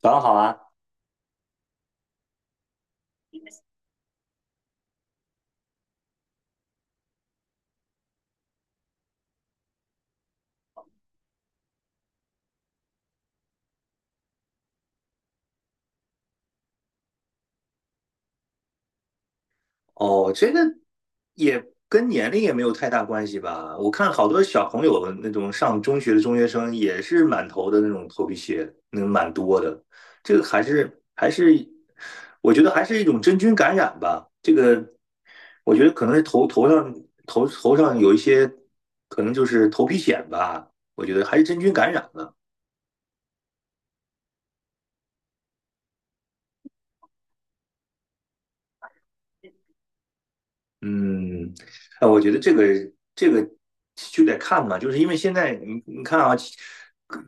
早上好啊！哦，这个也跟年龄也没有太大关系吧？我看好多小朋友那种上中学的中学生也是满头的那种头皮屑，那蛮多的。这个还是还是，我觉得还是一种真菌感染吧。这个我觉得可能是头上头上有一些，可能就是头皮癣吧。我觉得还是真菌感染了。嗯，啊，我觉得这个就得看嘛，就是因为现在你看啊，其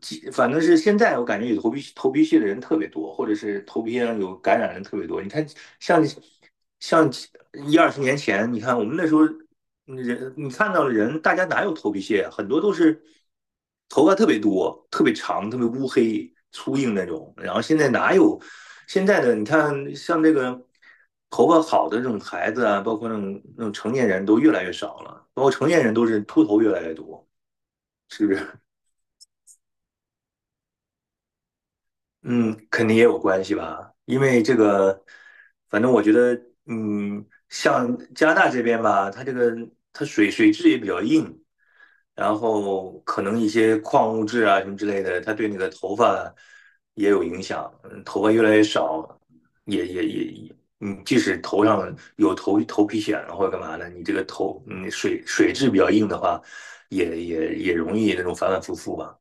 其反正是现在我感觉有头皮屑的人特别多，或者是头皮上有感染的人特别多。你看，像像一二十年前，你看我们那时候人，你看到的人，大家哪有头皮屑啊？很多都是。头发特别多，特别长，特别乌黑粗硬那种。然后现在哪有现在的？你看，像这个头发好的这种孩子啊，包括那种成年人都越来越少了，包括成年人都是秃头越来越多，是不是？嗯，肯定也有关系吧，因为这个，反正我觉得，嗯，像加拿大这边吧，它这个它水质也比较硬，然后可能一些矿物质啊什么之类的，它对你的头发也有影响，嗯头发越来越少，也也也也，你即使头上有头皮癣了或者干嘛的，你这个头，嗯，水质比较硬的话，也容易那种反反复复吧。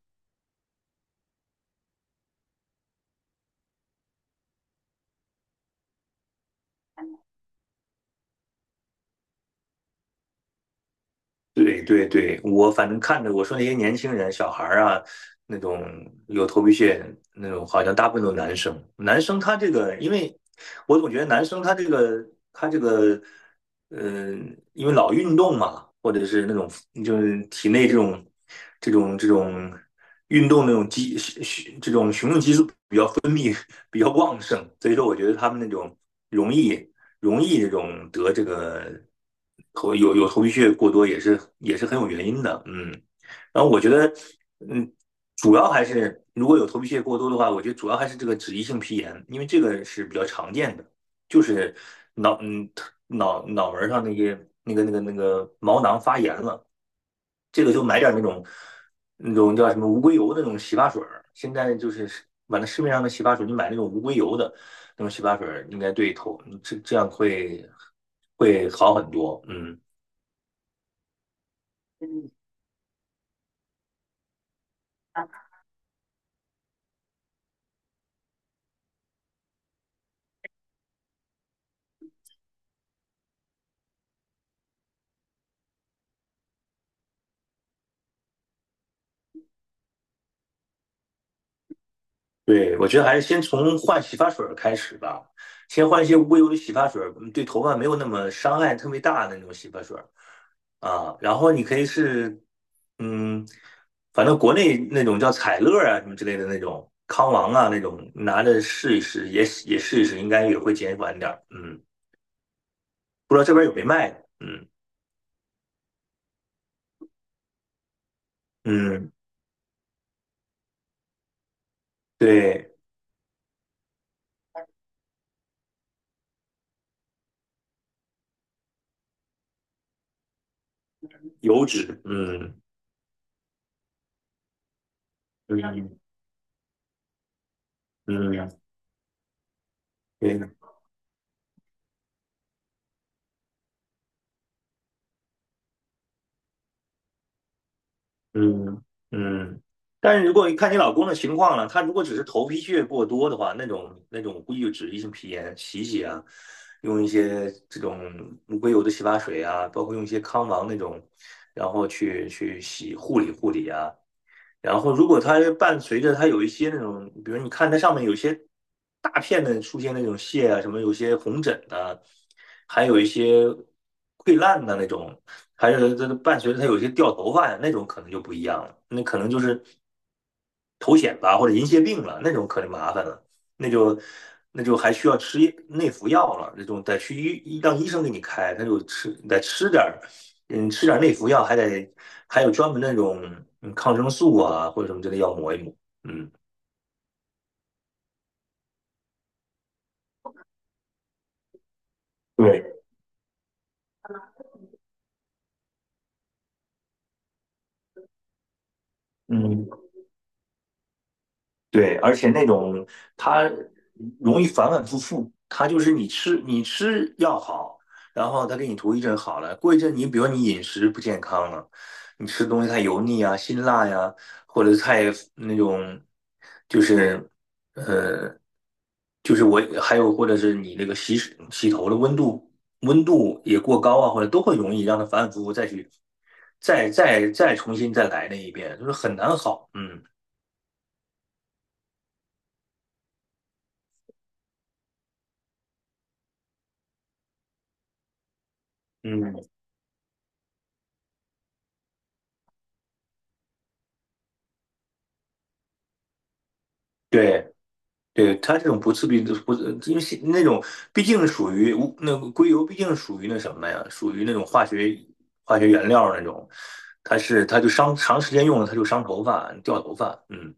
对对对，我反正看着我说那些年轻人、小孩儿啊，那种有头皮屑那种，好像大部分都是男生。男生他这个，因为我总觉得男生他这个他这个，嗯、因为老运动嘛，或者是那种就是体内这种运动那种这种雄性激素比较旺盛，所以说我觉得他们那种容易容易这种得这个头有头皮屑过多也是很有原因的，嗯。然后我觉得，嗯，主要还是如果有头皮屑过多的话，我觉得主要还是这个脂溢性皮炎，因为这个是比较常见的，就是脑嗯脑门上那些那个毛囊发炎了。这个就买点那种那种叫什么无硅油的那种洗发水儿，现在就是完了市面上的洗发水，你买那种无硅油的那种洗发水儿，应该对头，这样会会好很多。嗯，对，我觉得还是先从换洗发水儿开始吧，先换一些无硅油的洗发水儿，嗯对头发没有那么伤害特别大的那种洗发水儿。啊，然后你可以是，嗯，反正国内那种叫彩乐啊什么之类的那种，康王啊那种，拿着试一试，也试一试，应该也会减缓点儿。嗯，不知道这边有没卖的。嗯嗯，对，油脂，嗯嗯嗯，对，嗯嗯，但是如果你看你老公的情况了，他如果只是头皮屑过多的话，那种估计就脂溢性皮炎，洗一洗啊，用一些这种无硅油的洗发水啊，包括用一些康王那种，然后去洗护理护理啊，然后如果它伴随着它有一些那种，比如你看它上面有一些大片的出现那种屑啊，什么有些红疹的，还有一些溃烂的那种，还有它伴随着它有一些掉头发呀，那种可能就不一样了，那可能就是头癣吧或者银屑病了，那种可就麻烦了，那就。那就还需要吃内服药了，那种得去医生给你开，他就吃点儿嗯，吃点内服药还得还有专门那种嗯抗生素啊或者什么之类要抹一抹。嗯，对，嗯，对，而且那种它容易反反复复，它就是你吃药好，然后它给你涂一阵好了，过一阵你比如你饮食不健康了，你吃东西太油腻啊、辛辣呀、或者太那种就是。呃。就是我还有或者是你那个洗头的温度也过高啊，或者都会容易让它反反复复再重新再来那一遍，就是很难好。嗯嗯，对对，它这种不刺鼻的不，因为是那种毕竟属于无那个硅油，毕竟属于那什么呀，属于那种化学原料那种，它是它就伤长时间用了，它就伤头发掉头发。嗯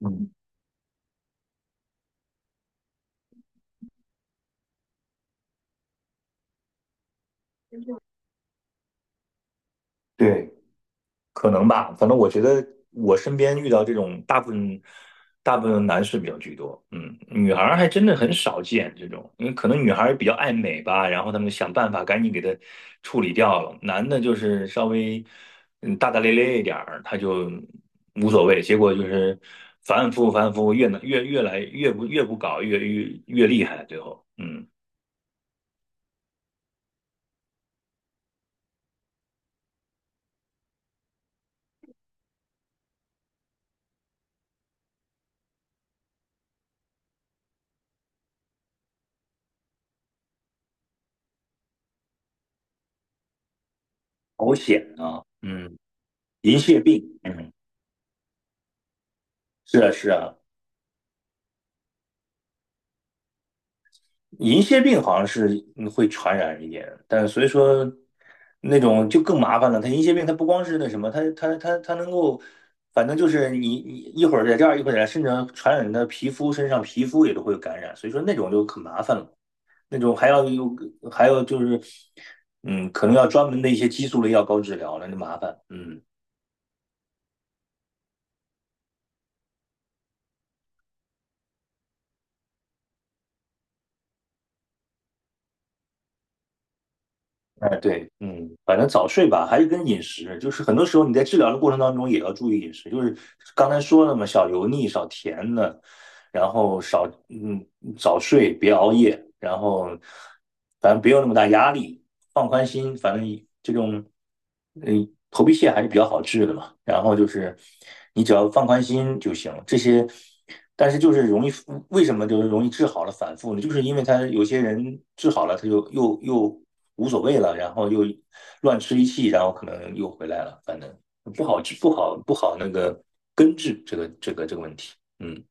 嗯，对。可能吧，反正我觉得我身边遇到这种大部分男士比较居多，嗯，女孩儿还真的很少见这种，因为可能女孩儿比较爱美吧，然后他们想办法赶紧给她处理掉了，男的就是稍微嗯大大咧咧一点儿，他就无所谓，结果就是反反复复反反复复，越来越不搞越厉害，最后，嗯，好险啊，嗯，银屑病，嗯，是啊是啊。银屑病好像是嗯会传染一点，但是所以说那种就更麻烦了。它银屑病它不光是那什么，它能够，反正就是你你一会儿在这儿一会儿在那儿，甚至传染的皮肤身上，皮肤也都会有感染。所以说那种就很麻烦了，那种还要有还有就是，嗯，可能要专门的一些激素类药膏治疗了，那就麻烦。嗯，哎对，嗯，反正早睡吧，还是跟饮食，就是很多时候你在治疗的过程当中也要注意饮食，就是刚才说了嘛，少油腻，少甜的。然后少嗯早睡，别熬夜，然后反正别有那么大压力，放宽心，反正这种嗯头皮屑还是比较好治的嘛。然后就是你只要放宽心就行，这些。但是就是容易，为什么就是容易治好了反复呢？就是因为他有些人治好了，他就又无所谓了，然后又乱吃一气，然后可能又回来了，反正不好治，不好那个根治这个问题。嗯，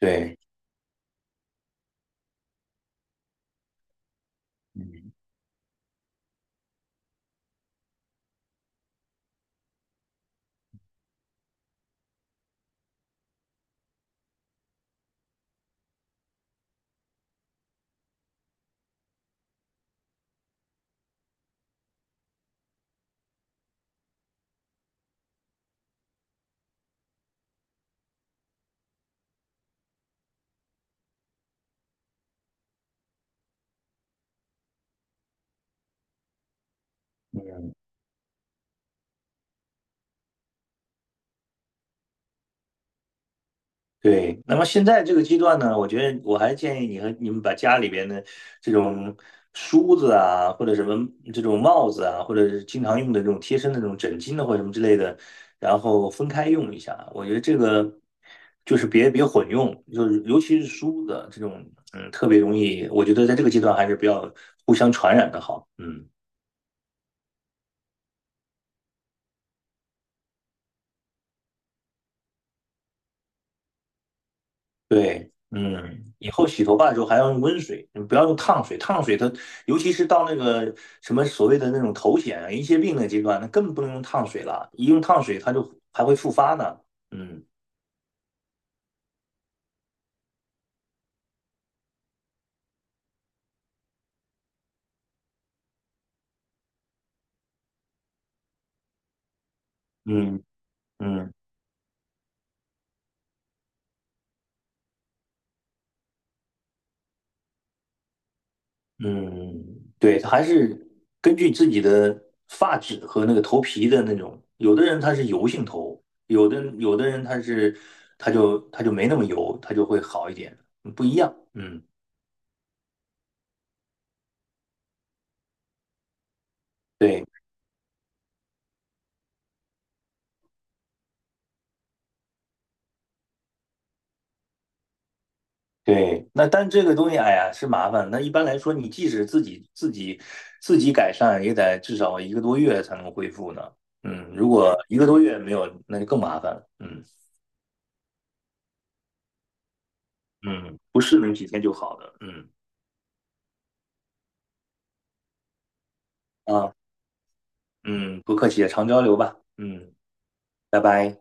对。嗯嗯，对。那么现在这个阶段呢，我觉得我还建议你和你们把家里边的这种梳子啊，或者什么这种帽子啊，或者是经常用的这种贴身的这种枕巾呢，或者什么之类的，然后分开用一下。我觉得这个就是别混用，就是尤其是梳子这种，嗯，特别容易。我觉得在这个阶段还是不要互相传染的好。嗯。对，嗯，以后洗头发的时候还要用温水，你不要用烫水。烫水它，尤其是到那个什么所谓的那种头癣啊、银屑病的阶段，那更不能用烫水了。一用烫水，它就还会复发呢。嗯嗯嗯嗯，对，它还是根据自己的发质和那个头皮的那种，有的人他是油性头，有的人他是他就没那么油，他就会好一点，不一样。嗯，对。对，那但这个东西，哎呀，是麻烦。那一般来说，你即使自己改善，也得至少一个多月才能恢复呢。嗯，如果一个多月没有，那就更麻烦了。嗯嗯，不是能几天就好的。嗯啊，嗯，不客气，常交流吧。嗯，拜拜。